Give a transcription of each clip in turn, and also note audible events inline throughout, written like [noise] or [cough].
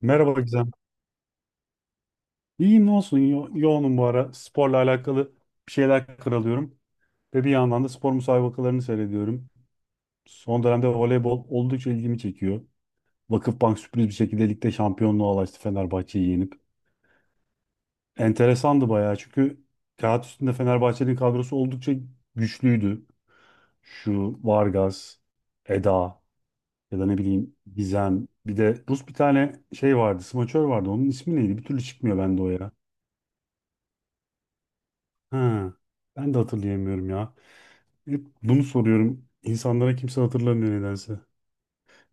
Merhaba Gizem. İyiyim ne olsun yoğunum bu ara. Sporla alakalı bir şeyler karalıyorum. Ve bir yandan da spor müsabakalarını seyrediyorum. Son dönemde voleybol oldukça ilgimi çekiyor. Vakıfbank sürpriz bir şekilde ligde şampiyonluğa ulaştı Fenerbahçe'yi yenip. Enteresandı bayağı çünkü kağıt üstünde Fenerbahçe'nin kadrosu oldukça güçlüydü. Şu Vargas, Eda ya da ne bileyim Gizem. Bir de Rus bir tane şey vardı, smaçör vardı. Onun ismi neydi? Bir türlü çıkmıyor bende o ya. Ha, ben de hatırlayamıyorum ya. Hep bunu soruyorum. İnsanlara kimse hatırlamıyor nedense.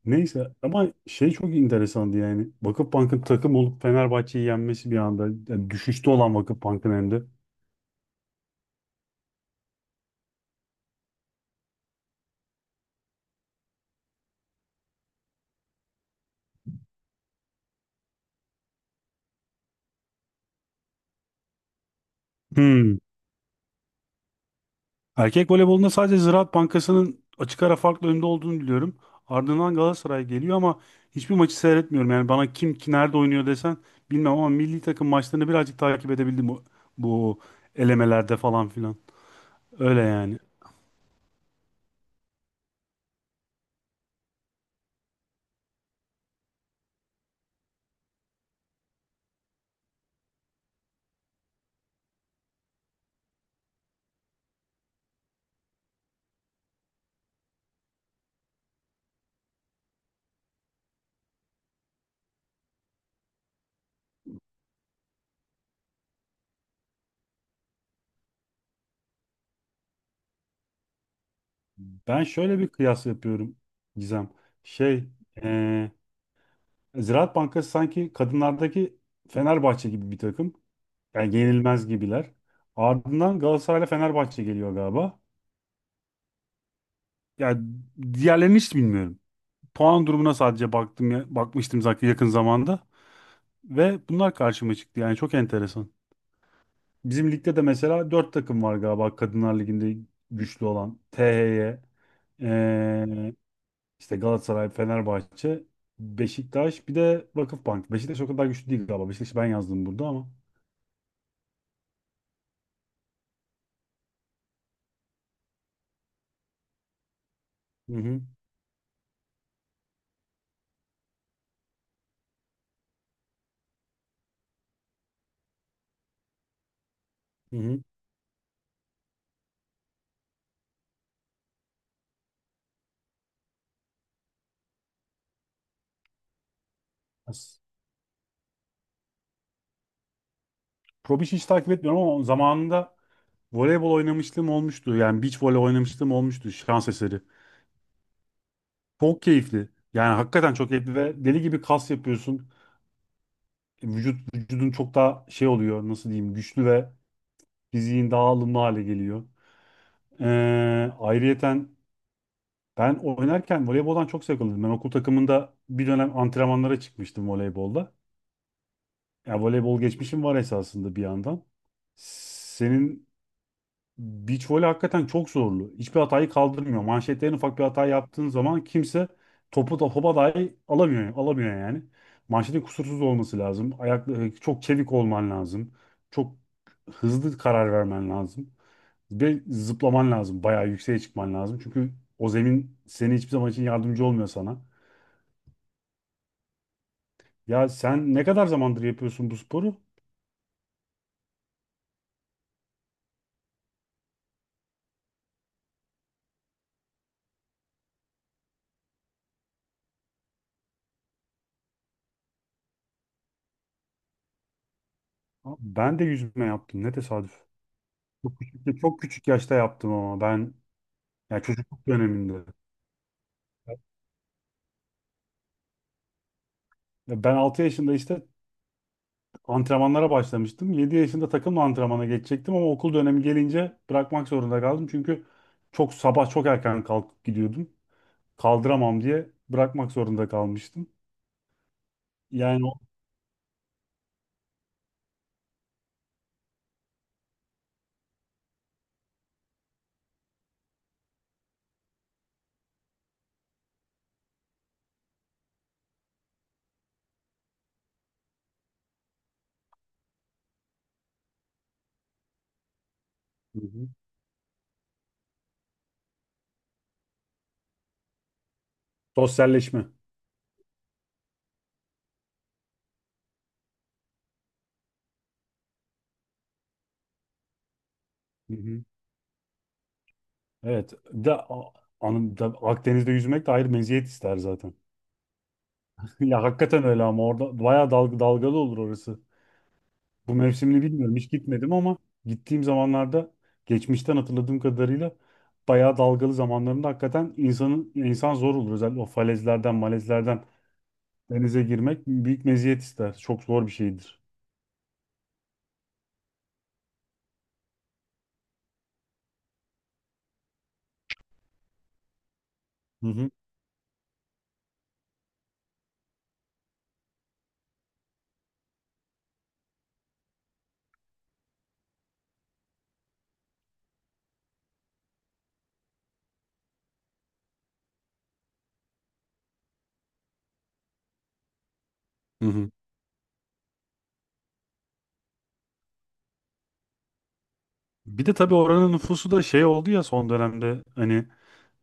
Neyse ama şey çok enteresandı yani. Vakıfbank'ın takım olup Fenerbahçe'yi yenmesi bir anda. Yani düşüşte olan Vakıfbank'ın hem de. Hmm. Erkek voleybolunda sadece Ziraat Bankası'nın açık ara farklı önde olduğunu biliyorum. Ardından Galatasaray geliyor ama hiçbir maçı seyretmiyorum. Yani bana kim ki nerede oynuyor desen bilmem ama milli takım maçlarını birazcık takip edebildim bu elemelerde falan filan. Öyle yani. Ben şöyle bir kıyas yapıyorum Gizem. Şey, eee, Ziraat Bankası sanki kadınlardaki Fenerbahçe gibi bir takım. Yani yenilmez gibiler. Ardından Galatasaray'la Fenerbahçe geliyor galiba. Yani diğerlerini hiç bilmiyorum. Puan durumuna sadece baktım ya, bakmıştım zaten yakın zamanda ve bunlar karşıma çıktı. Yani çok enteresan. Bizim ligde de mesela dört takım var galiba Kadınlar Ligi'nde güçlü olan. THY, İşte Galatasaray, Fenerbahçe, Beşiktaş bir de Vakıfbank. Beşiktaş o kadar güçlü değil galiba. Beşiktaş'ı ben yazdım burada ama. Hı hı, hı hı. As- Pro Beach hiç takip etmiyorum ama zamanında voleybol oynamışlığım olmuştu. Yani beach voley oynamışlığım olmuştu şans eseri. Çok keyifli. Yani hakikaten çok keyifli ve deli gibi kas yapıyorsun. Vücudun çok daha şey oluyor nasıl diyeyim güçlü ve fiziğin daha alımlı hale geliyor. Ayrıyeten ben oynarken voleyboldan çok zevk alırdım. Ben okul takımında bir dönem antrenmanlara çıkmıştım voleybolda. Ya voleybol geçmişim var esasında bir yandan. Senin beach voley hakikaten çok zorlu. Hiçbir hatayı kaldırmıyor. Manşette en ufak bir hata yaptığın zaman kimse topu da hopa dahi alamıyor, alamıyor yani. Manşetin kusursuz olması lazım. Ayaklı, çok çevik olman lazım. Çok hızlı karar vermen lazım. Ve zıplaman lazım. Bayağı yükseğe çıkman lazım. Çünkü o zemin seni hiçbir zaman için yardımcı olmuyor sana. Ya sen ne kadar zamandır yapıyorsun bu sporu? Abi, ben de yüzme yaptım. Ne tesadüf. Çok küçük, çok küçük yaşta yaptım ama ben yani çocukluk döneminde. Ya, ben 6 yaşında işte antrenmanlara başlamıştım. 7 yaşında takımla antrenmana geçecektim ama okul dönemi gelince bırakmak zorunda kaldım. Çünkü çok sabah çok erken kalkıp gidiyordum. Kaldıramam diye bırakmak zorunda kalmıştım. Yani. Hı hı. Sosyalleşme. Hı hı. Evet. Bir de, anım, da, Akdeniz'de yüzmek de ayrı meziyet ister zaten. [laughs] Ya hakikaten öyle ama orada bayağı dalgalı olur orası. Bu mevsimini bilmiyorum. Hiç gitmedim ama gittiğim zamanlarda geçmişten hatırladığım kadarıyla bayağı dalgalı zamanlarında hakikaten insan zor olur. Özellikle o falezlerden, malezlerden denize girmek büyük meziyet ister. Çok zor bir şeydir. Hı hı. Hı hı. Bir de tabii oranın nüfusu da şey oldu ya son dönemde hani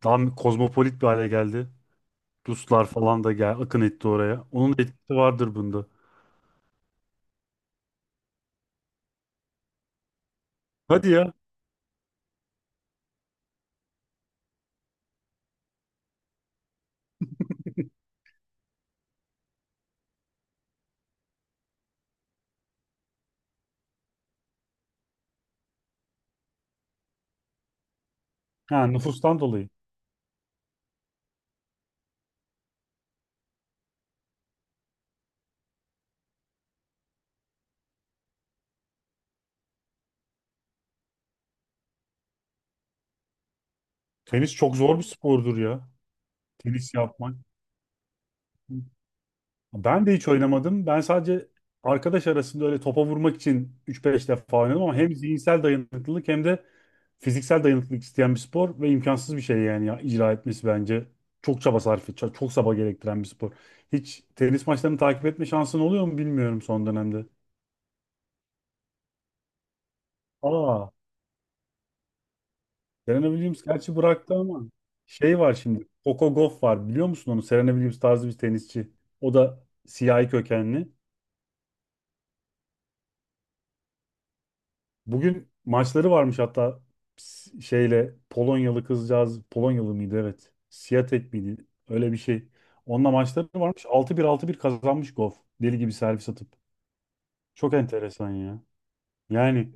daha kozmopolit bir hale geldi. Ruslar falan da gel akın etti oraya. Onun da etkisi vardır bunda. Hadi ya. Ha, nüfustan dolayı. Tenis çok zor bir spordur ya. Tenis yapmak. Ben de hiç oynamadım. Ben sadece arkadaş arasında öyle topa vurmak için üç beş defa oynadım ama hem zihinsel dayanıklılık hem de fiziksel dayanıklılık isteyen bir spor ve imkansız bir şey yani ya icra etmesi bence. Çok çaba sarf et, çok çaba gerektiren bir spor. Hiç tenis maçlarını takip etme şansın oluyor mu bilmiyorum son dönemde. Aa, Serena Williams gerçi bıraktı ama şey var şimdi. Coco Gauff var. Biliyor musun onu? Serena Williams tarzı bir tenisçi. O da siyahi kökenli. Bugün maçları varmış hatta şeyle Polonyalı kızcağız. Polonyalı mıydı? Evet. Siatek miydi? Öyle bir şey. Onunla maçları varmış. 6-1 6-1 kazanmış Gauff. Deli gibi servis atıp. Çok enteresan ya. Yani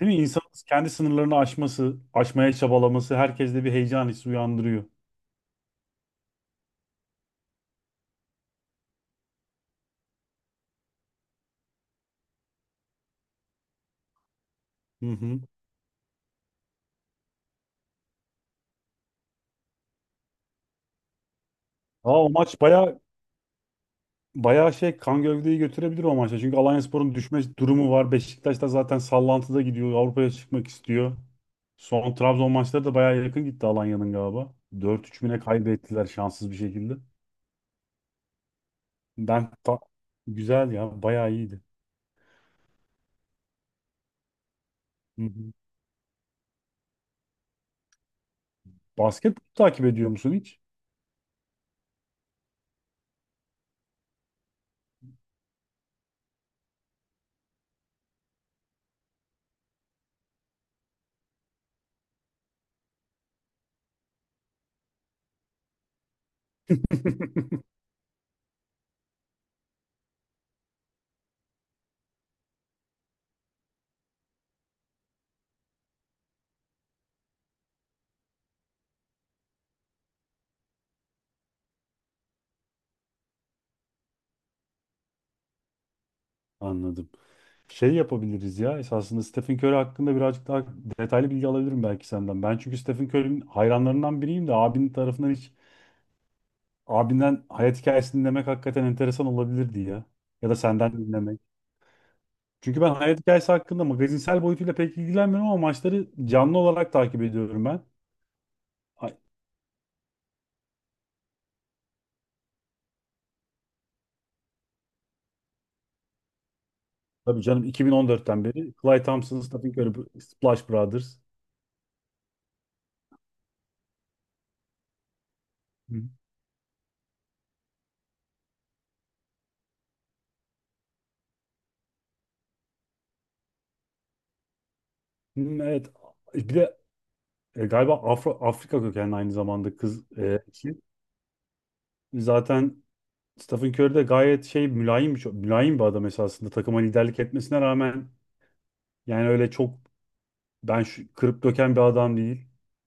değil mi? İnsanın kendi sınırlarını aşması, aşmaya çabalaması herkeste bir heyecan hissi uyandırıyor. Hı hı. Aa, o maç bayağı bayağı şey kan gövdeyi götürebilir o maçta. Çünkü Alanyaspor'un düşme durumu var. Beşiktaş da zaten sallantıda gidiyor. Avrupa'ya çıkmak istiyor. Son Trabzon maçları da bayağı yakın gitti Alanya'nın galiba. 4-3 müne kaybettiler şanssız bir şekilde. Ben ta- Güzel ya bayağı iyiydi. Hı hı. Basketbol takip ediyor musun hiç? [laughs] Anladım. Şey yapabiliriz ya esasında Stephen Curry hakkında birazcık daha detaylı bilgi alabilirim belki senden. Ben çünkü Stephen Curry'nin hayranlarından biriyim de abinin tarafından hiç. Abinden hayat hikayesini dinlemek hakikaten enteresan olabilirdi ya. Ya da senden dinlemek. Çünkü ben hayat hikayesi hakkında magazinsel boyutuyla pek ilgilenmiyorum ama maçları canlı olarak takip ediyorum ben. Ay, tabii canım 2014'ten beri. Clay Thompson, Stephen Curry, Splash Brothers. Hı. Hmm, evet. Bir de galiba Afrika kökenli aynı zamanda kız. Şey. Zaten Stephen Curry de gayet şey mülayim, çok mülayim bir adam esasında. Takıma liderlik etmesine rağmen yani öyle çok kırıp döken bir adam değil.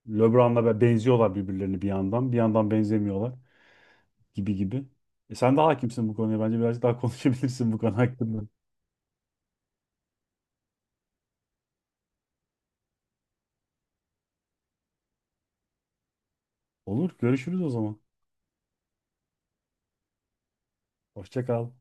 LeBron'la benziyorlar birbirlerini bir yandan. Bir yandan benzemiyorlar gibi gibi. Sen de hakimsin bu konuya. Bence birazcık daha [laughs] konuşabilirsin bu konu hakkında. Olur. Görüşürüz o zaman. Hoşça kal.